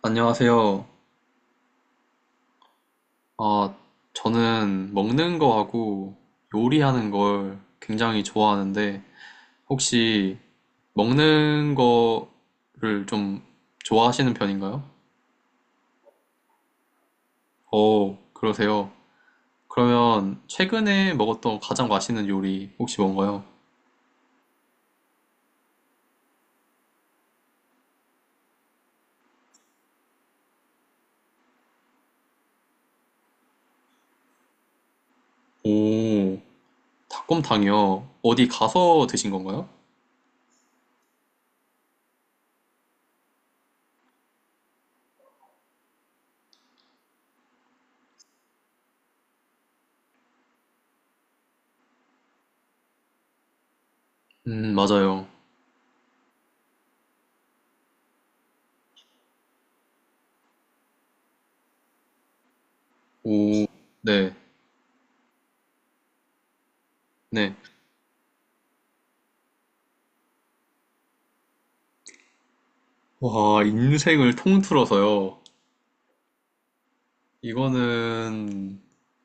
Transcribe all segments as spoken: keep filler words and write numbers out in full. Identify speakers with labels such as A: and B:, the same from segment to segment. A: 안녕하세요. 아, 저는 먹는 거하고 요리하는 걸 굉장히 좋아하는데, 혹시 먹는 거를 좀 좋아하시는 편인가요? 오, 그러세요. 그러면 최근에 먹었던 가장 맛있는 요리 혹시 뭔가요? 오, 닭곰탕이요. 어디 가서 드신 건가요? 음, 맞아요. 오, 네, 네. 와, 인생을 통틀어서요. 이거는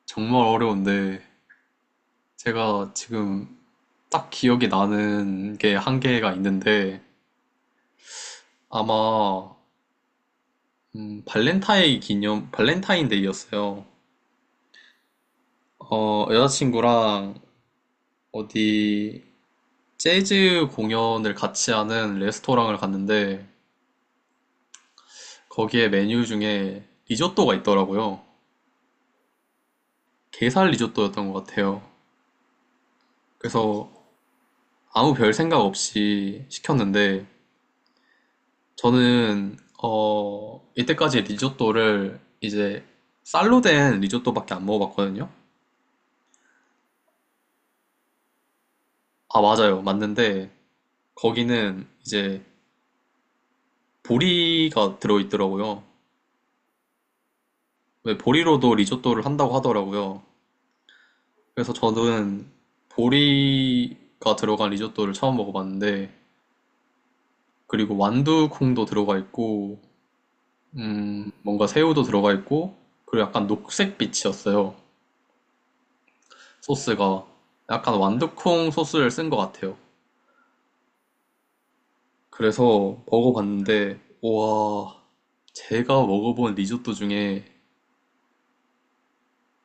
A: 정말 어려운데, 제가 지금 딱 기억이 나는 게 한 개가 있는데, 아마, 음, 발렌타인 기념, 발렌타인데이였어요. 어, 여자친구랑 어디 재즈 공연을 같이 하는 레스토랑을 갔는데, 거기에 메뉴 중에 리조또가 있더라고요. 게살 리조또였던 것 같아요. 그래서 아무 별 생각 없이 시켰는데, 저는 어 이때까지 리조또를 이제 쌀로 된 리조또밖에 안 먹어봤거든요. 아 맞아요, 맞는데 거기는 이제 보리가 들어있더라고요. 왜 보리로도 리조또를 한다고 하더라고요. 그래서 저는 보리가 들어간 리조또를 처음 먹어봤는데, 그리고 완두콩도 들어가 있고, 음 뭔가 새우도 들어가 있고, 그리고 약간 녹색빛이었어요. 소스가 약간 완두콩 소스를 쓴 것 같아요. 그래서 먹어봤는데, 와, 제가 먹어본 리조또 중에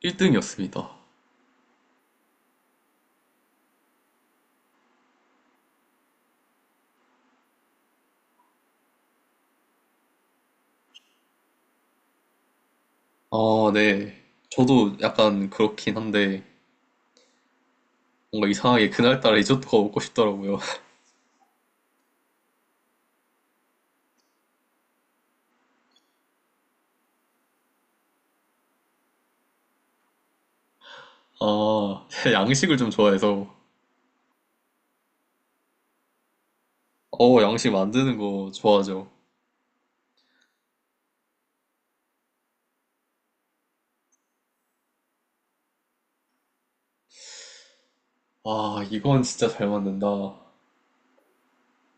A: 일 등이었습니다. 아, 네. 저도 약간 그렇긴 한데, 뭔가 이상하게 그날따라 리조또가 먹고 싶더라고요. 아, 제가 양식을 좀 좋아해서, 어, 양식 만드는 거 좋아하죠. 아, 이건 진짜 잘 만든다.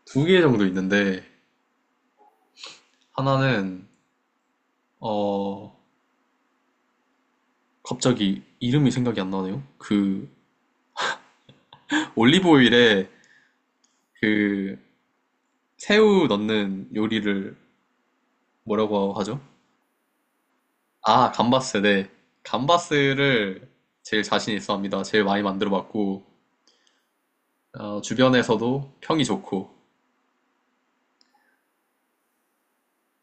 A: 두 개 정도 있는데, 하나는, 어, 갑자기 이름이 생각이 안 나네요? 그, 올리브오일에, 그, 새우 넣는 요리를 뭐라고 하죠? 아, 감바스, 네. 감바스를 제일 자신 있어 합니다. 제일 많이 만들어 봤고, 어, 주변에서도 평이 좋고,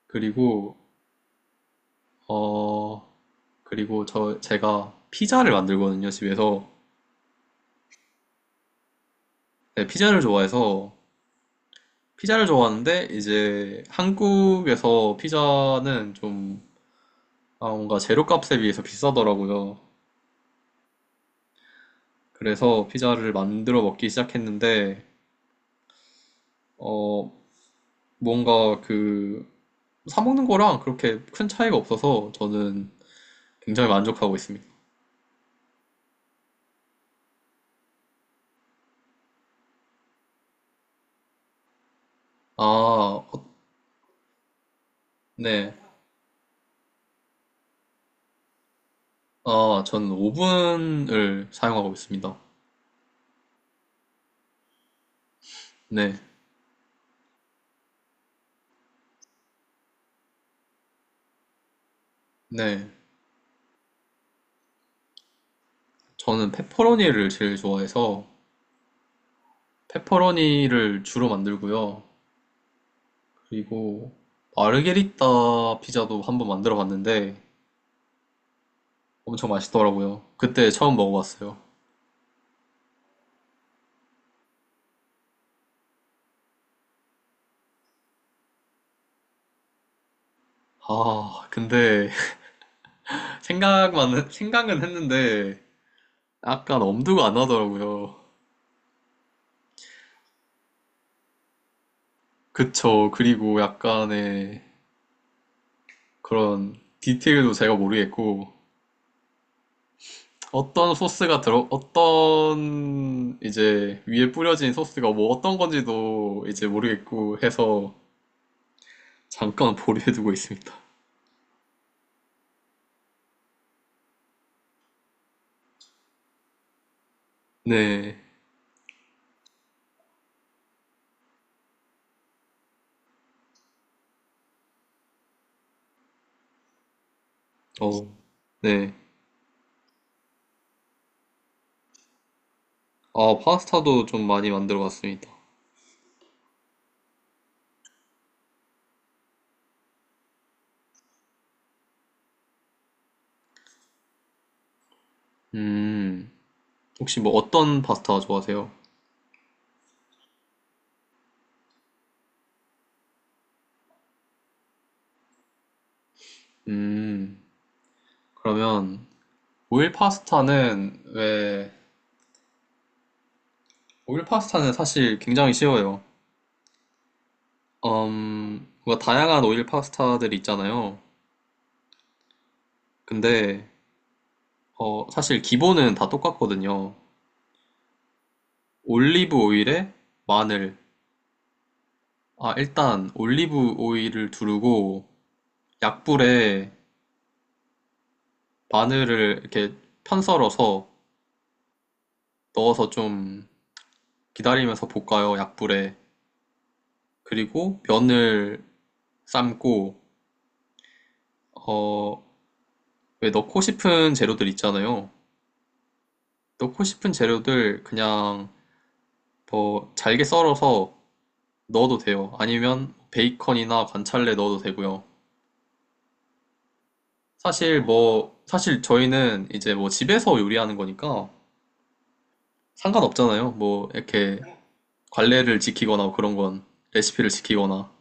A: 그리고, 어, 그리고 저, 제가 피자를 만들거든요, 집에서. 네, 피자를 좋아해서, 피자를 좋아하는데, 이제 한국에서 피자는 좀, 아, 뭔가 재료값에 비해서 비싸더라고요. 그래서 피자를 만들어 먹기 시작했는데, 어, 뭔가 그 사 먹는 거랑 그렇게 큰 차이가 없어서 저는 굉장히 만족하고 있습니다. 아, 어, 네. 아, 저는 오븐을 사용하고 있습니다. 네. 네. 저는 페퍼로니를 제일 좋아해서 페퍼로니를 주로 만들고요. 그리고 마르게리따 피자도 한번 만들어 봤는데 엄청 맛있더라고요. 그때 처음 먹어봤어요. 아, 근데 생각만, 생각은 했는데 약간 엄두가 안 나더라고요. 그쵸. 그리고 약간의 그런 디테일도 제가 모르겠고, 어떤 소스가 들어, 어떤 이제 위에 뿌려진 소스가 뭐 어떤 건지도 이제 모르겠고 해서 잠깐 보류해두고 있습니다. 네. 어, 네. 아, 파스타도 좀 많이 만들어 봤습니다. 음, 혹시 뭐 어떤 파스타 좋아하세요? 음, 그러면 오일 파스타는 왜, 오일 파스타는 사실 굉장히 쉬워요. 음, 뭔가 다양한 오일 파스타들이 있잖아요. 근데, 어, 사실 기본은 다 똑같거든요. 올리브 오일에 마늘. 아, 일단 올리브 오일을 두르고 약불에 마늘을 이렇게 편썰어서 넣어서 좀 기다리면서 볶아요, 약불에. 그리고 면을 삶고, 어, 왜 넣고 싶은 재료들 있잖아요. 넣고 싶은 재료들 그냥 더 잘게 썰어서 넣어도 돼요. 아니면 베이컨이나 관찰래 넣어도 되고요. 사실 뭐 사실 저희는 이제 뭐 집에서 요리하는 거니까 상관없잖아요. 뭐 이렇게 관례를 지키거나 그런 건 레시피를 지키거나.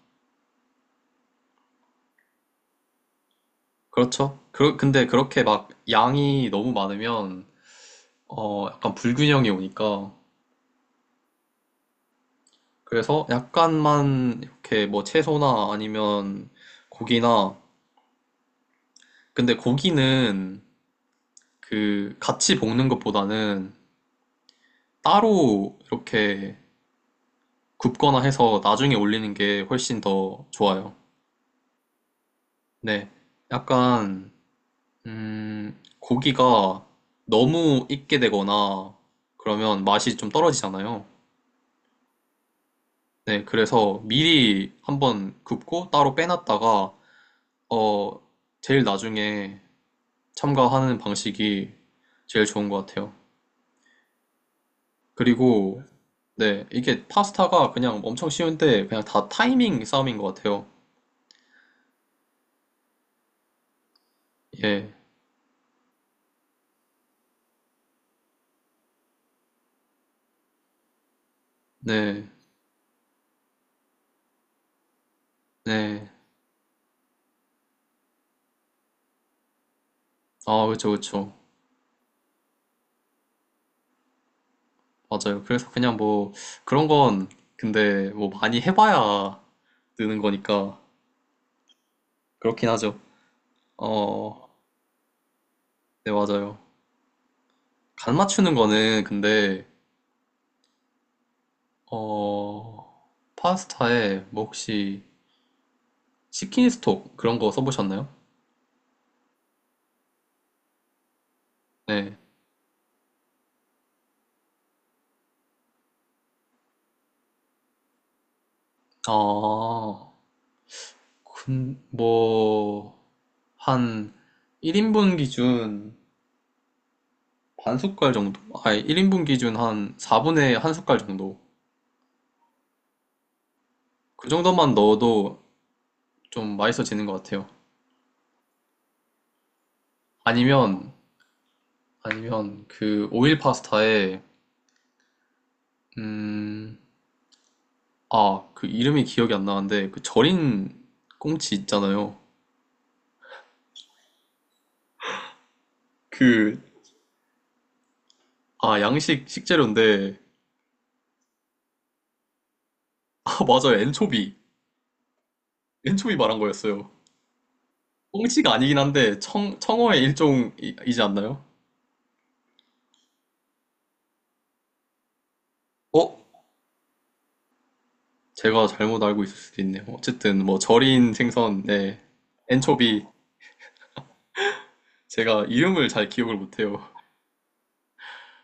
A: 그렇죠. 그 근데 그렇게 막 양이 너무 많으면 어 약간 불균형이 오니까, 그래서 약간만 이렇게 뭐 채소나 아니면 고기나, 근데 고기는 그 같이 볶는 것보다는 따로 이렇게 굽거나 해서 나중에 올리는 게 훨씬 더 좋아요. 네. 약간, 음, 고기가 너무 익게 되거나 그러면 맛이 좀 떨어지잖아요. 네. 그래서 미리 한번 굽고 따로 빼놨다가, 어, 제일 나중에 첨가하는 방식이 제일 좋은 것 같아요. 그리고, 네. 이게 파스타가 그냥 엄청 쉬운데 그냥 다 타이밍 싸움인 것 같아요. 예. 네. 네. 아, 그쵸, 그쵸. 맞아요. 그래서 그냥 뭐 그런 건, 근데 뭐 많이 해봐야 느는 거니까 그렇긴 하죠. 어, 네, 맞아요. 간 맞추는 거는 근데, 어, 파스타에 뭐 혹시 치킨 스톡 그런 거 써보셨나요? 네. 아, 근, 뭐, 한 일 인분 기준 반 숟갈 정도? 아니, 일 인분 기준 한 사 분의 한 숟갈 정도. 그 정도만 넣어도 좀 맛있어지는 것 같아요. 아니면 아니면 그 오일 파스타에, 음, 아, 그 이름이 기억이 안 나는데 그 절인 꽁치 있잖아요. 그, 아, 양식 식재료인데. 아, 맞아요. 엔초비. 엔초비 말한 거였어요. 꽁치가 아니긴 한데 청 청어의 일종이지 않나요? 어? 제가 잘못 알고 있을 수도 있네요. 어쨌든 뭐 절인 생선, 네. 엔초비. 제가 이름을 잘 기억을 못해요.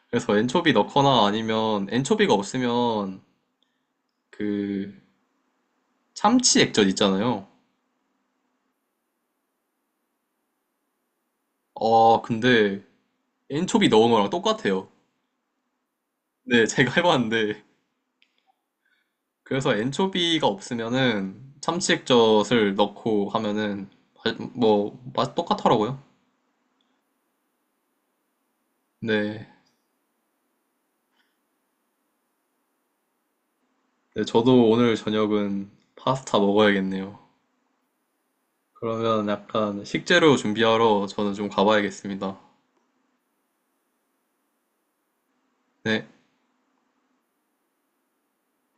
A: 그래서 엔초비 넣거나 아니면 엔초비가 없으면 그 참치 액젓 있잖아요. 아, 근데 엔초비 넣은 거랑 똑같아요. 네, 제가 해봤는데. 그래서 엔초비가 없으면은 참치 액젓을 넣고 하면은 바- 뭐, 맛 똑같더라고요. 네. 네, 저도 오늘 저녁은 파스타 먹어야겠네요. 그러면 약간 식재료 준비하러 저는 좀 가봐야겠습니다. 네.